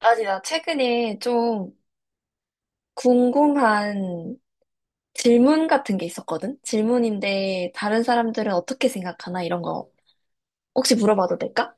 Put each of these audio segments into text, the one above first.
아니, 나 최근에 좀 궁금한 질문 같은 게 있었거든? 질문인데, 다른 사람들은 어떻게 생각하나? 이런 거 혹시 물어봐도 될까?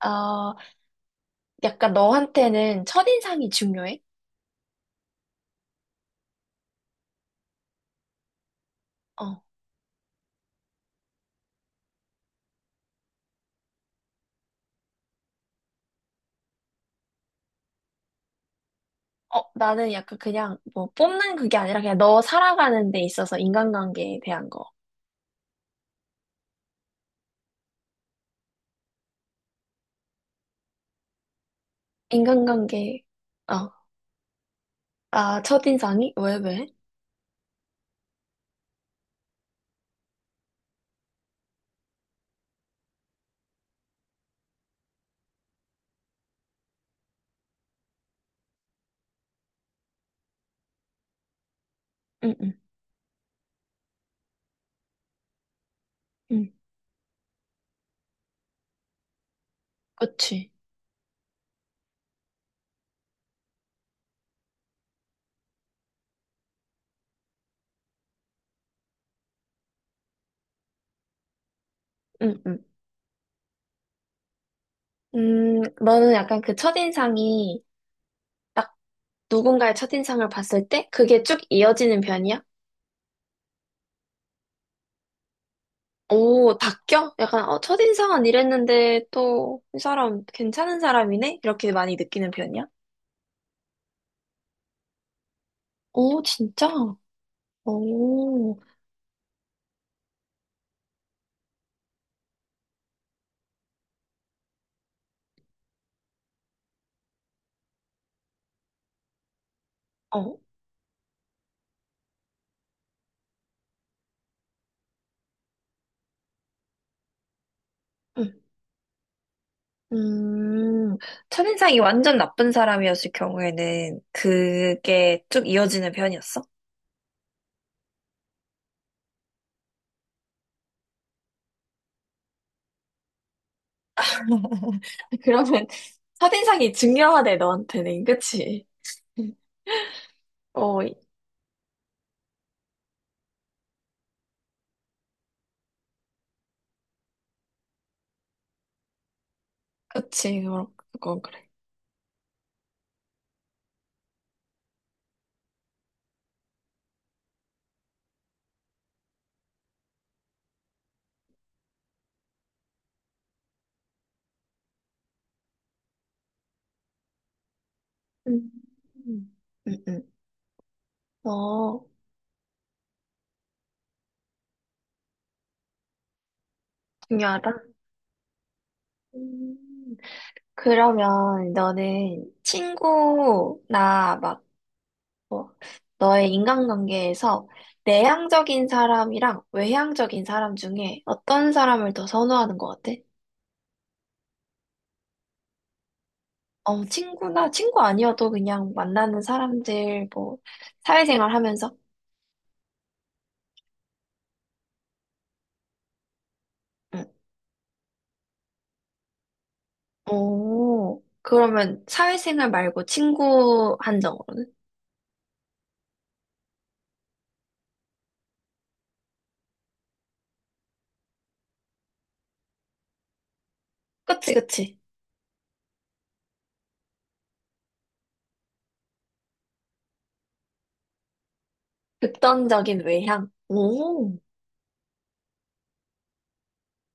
아, 약간 너한테는 첫인상이 중요해? 어, 어, 나는 약간 그냥 뭐 뽑는 그게 아니라 그냥 너 살아가는 데 있어서 인간관계에 대한 거. 인간관계, 어, 아, 첫인상이? 왜, 왜? 응, 응, 응, 그치. 응, 응. 너는 약간 그 첫인상이 딱 누군가의 첫인상을 봤을 때 그게 쭉 이어지는 편이야? 오, 바뀌어? 약간 첫인상은 이랬는데 또 이 사람 괜찮은 사람이네? 이렇게 많이 느끼는 편이야? 오, 진짜? 오, 어, 음, 음, 첫인상이 완전 나쁜 사람이었을 경우에는 그게 쭉 이어지는 편이었어? 그러면 첫인상이 중요하대, 너한테는. 그치? 어, 그치, 그건 그래. 음, 음, 음. 어, 중요하다. 음, 그러면 너는 친구나 막 뭐, 너의 인간관계에서 내향적인 사람이랑 외향적인 사람 중에 어떤 사람을 더 선호하는 것 같아? 어, 친구나 친구 아니어도 그냥 만나는 사람들 뭐 사회생활 하면서? 응. 오, 그러면 사회생활 말고 친구 한정으로는? 그치, 그치. 극단적인 외향. 오.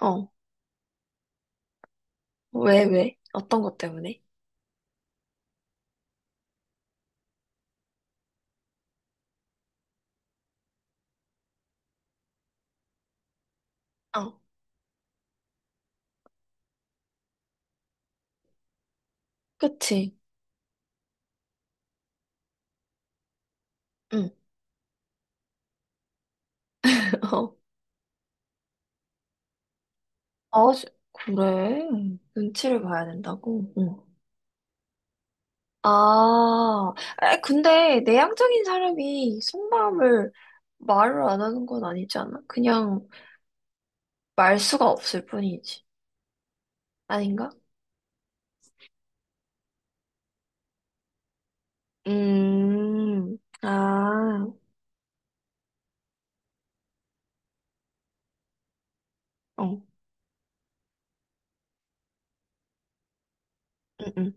어. 왜, 왜? 어떤 것 때문에? 어, 그치. 응. 어, 아, 그래. 눈치를 봐야 된다고? 응. 아, 근데 내향적인 사람이 속마음을 말을 안 하는 건 아니지 않아? 그냥 말수가 없을 뿐이지. 아닌가? 아, 어, 응, 응,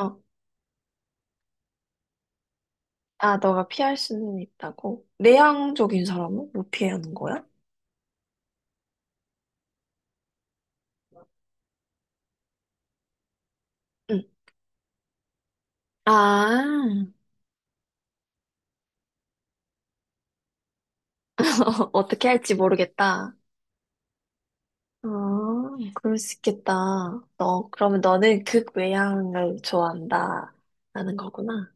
어. 아, 너가 피할 수는 있다고? 내향적인 사람은 못 피하는 거야? 응. 아, 어떻게 할지 모르겠다. 아, 그럴 수 있겠다. 그러면 너는 극외향을 좋아한다라는 거구나.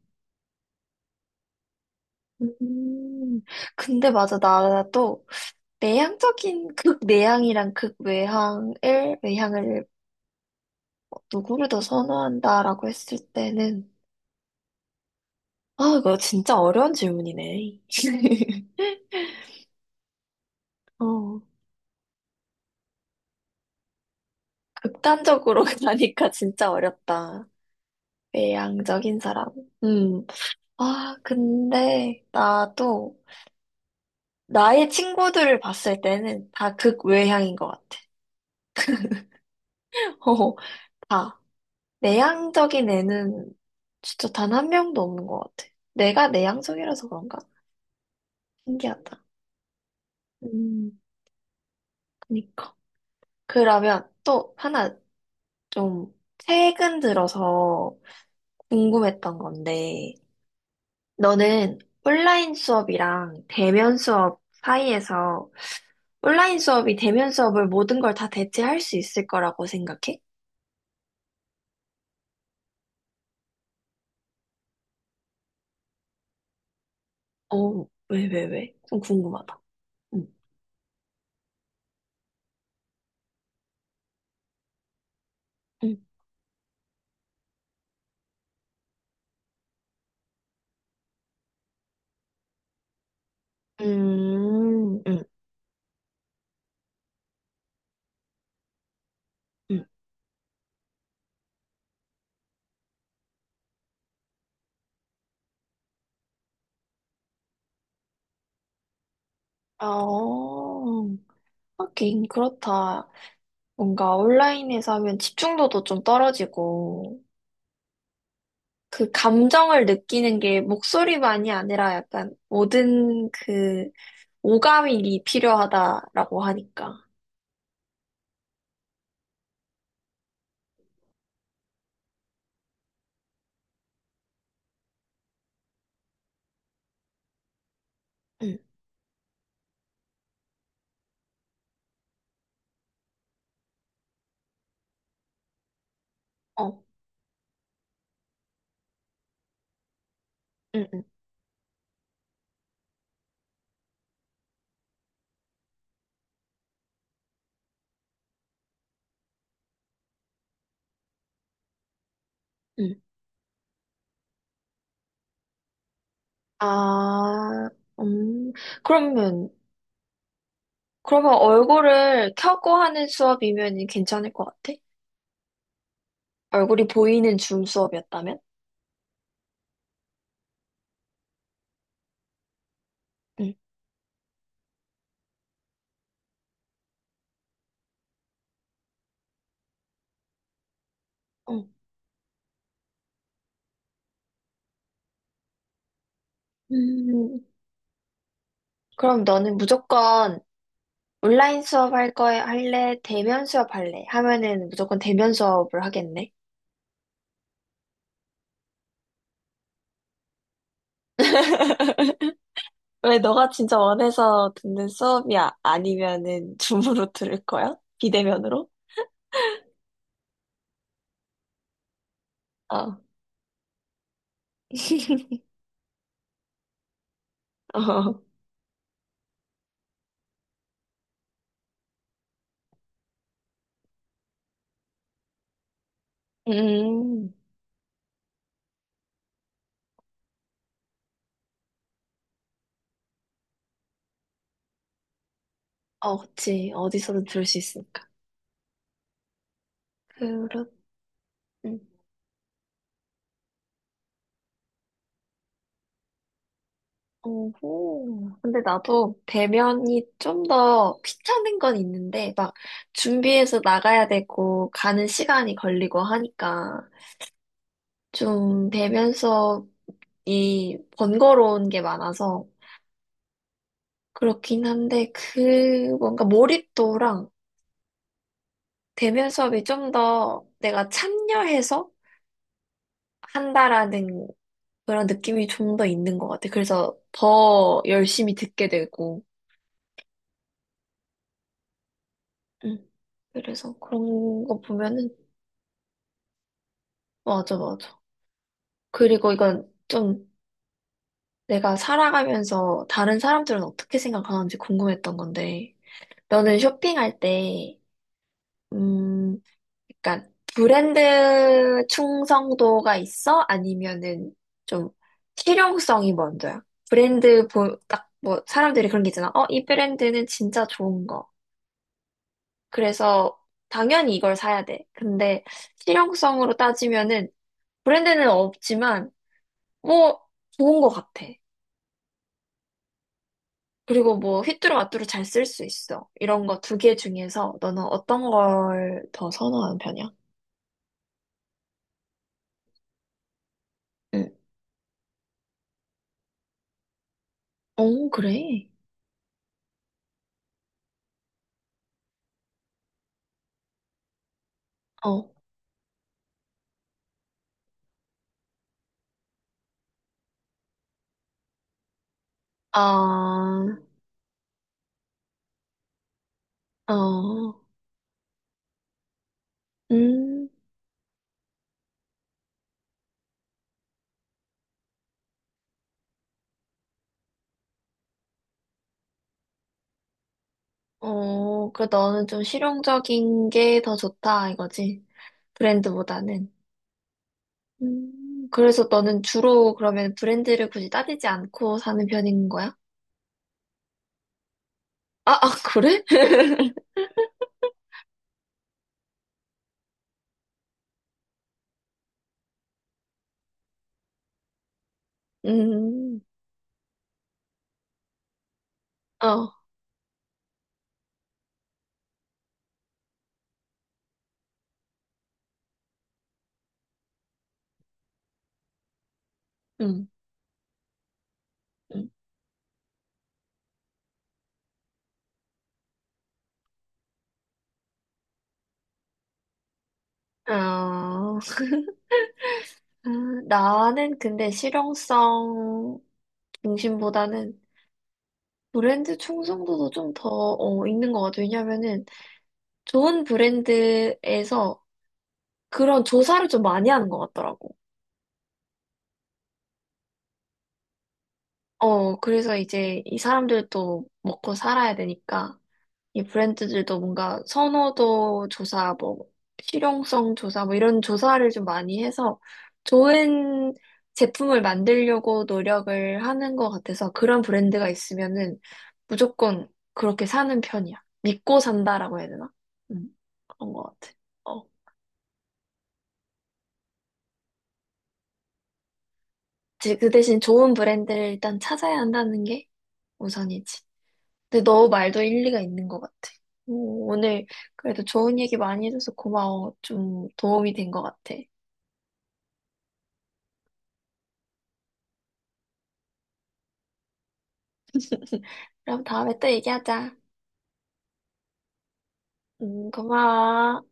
음, 근데 맞아. 나도 내향적인 극내향이랑 외향을 누구를 더 선호한다라고 했을 때는, 아, 이거 진짜 어려운 질문이네. 어, 극단적으로 가니까 진짜 어렵다. 외향적인 사람. 음, 근데 나도 나의 친구들을 봤을 때는 다 극외향인 것 같아. 어, 다. 내향적인 애는 진짜 단 한 명도 없는 것 같아. 내가 내향적이라서 그런가? 신기하다. 음, 그니까. 그러면 또 하나 좀 최근 들어서 궁금했던 건데, 너는 온라인 수업이랑 대면 수업 사이에서 온라인 수업이 대면 수업을 모든 걸 다 대체할 수 있을 거라고 생각해? 어, 왜, 왜, 왜? 좀 궁금하다. 응, 응, 음, 음. 응. 어, 하긴 그렇다. 뭔가 온라인에서 하면 집중도도 좀 떨어지고, 그 감정을 느끼는 게 목소리만이 아니라 약간 모든 그 오감이 필요하다라고 하니까. 응, 어, 응, 응, 응. 아, 음, 그러면, 그러면 얼굴을 켜고 하는 수업이면 괜찮을 것 같아? 얼굴이 보이는 줌 수업이었다면? 응. 응. 음, 그럼 너는 무조건 온라인 수업 할 거에 할래? 대면 수업 할래? 하면은 무조건 대면 수업을 하겠네. 왜 너가 진짜 원해서 듣는 수업이야? 아니면은 줌으로 들을 거야? 비대면으로? 어. 어. 음. 어, 그치. 어디서든 들을 수 있으니까. 그렇. 음. 오호. 근데 나도 배면이 좀 더 귀찮은 건 있는데, 막 준비해서 나가야 되고, 가는 시간이 걸리고 하니까, 좀 배면 수업이 번거로운 게 많아서, 그렇긴 한데, 그, 뭔가 몰입도랑 배면 수업이 좀 더 내가 참여해서 한다라는 그런 느낌이 좀 더 있는 것 같아. 그래서 더 열심히 듣게 되고, 음. 그래서 그런 거 보면은 맞아, 맞아. 그리고 이건 좀 내가 살아가면서 다른 사람들은 어떻게 생각하는지 궁금했던 건데, 너는 쇼핑할 때, 음, 약간 브랜드 충성도가 있어? 아니면은 좀 실용성이 먼저야? 딱 뭐, 사람들이 그런 게 있잖아. 어, 이 브랜드는 진짜 좋은 거. 그래서 당연히 이걸 사야 돼. 근데 실용성으로 따지면은 브랜드는 없지만, 뭐, 좋은 거 같아. 그리고 뭐 휘뚜루 마뚜루 잘 쓸 수 있어. 이런 거 두 개 중에서 너는 어떤 걸 더 선호하는 편이야? 응. 어, 그래. 어. 아, 어, 음, 어, 그 너는 좀 실용적인 게 더 좋다 이거지. 브랜드보다는. 그래서 너는 주로 그러면 브랜드를 굳이 따지지 않고 사는 편인 거야? 아, 아, 그래? 음, 어, 음, 음. 어. 아, 나는 근데 실용성 중심보다는 브랜드 충성도도 좀 더, 있는 것 같아. 왜냐면은 좋은 브랜드에서 그런 조사를 좀 많이 하는 것 같더라고. 어, 그래서 이제 이 사람들도 먹고 살아야 되니까. 이 브랜드들도 뭔가 선호도 조사, 뭐, 실용성 조사, 뭐 이런 조사를 좀 많이 해서 좋은 제품을 만들려고 노력을 하는 것 같아서 그런 브랜드가 있으면은 무조건 그렇게 사는 편이야. 믿고 산다라고 해야 되나? 음, 그런 것 같아. 어. 이제 그 대신 좋은 브랜드를 일단 찾아야 한다는 게 우선이지. 근데 너 말도 일리가 있는 것 같아. 오, 오늘 그래도 좋은 얘기 많이 해줘서 고마워. 좀 도움이 된 것 같아. 그럼 다음에 또 얘기하자. 고마워.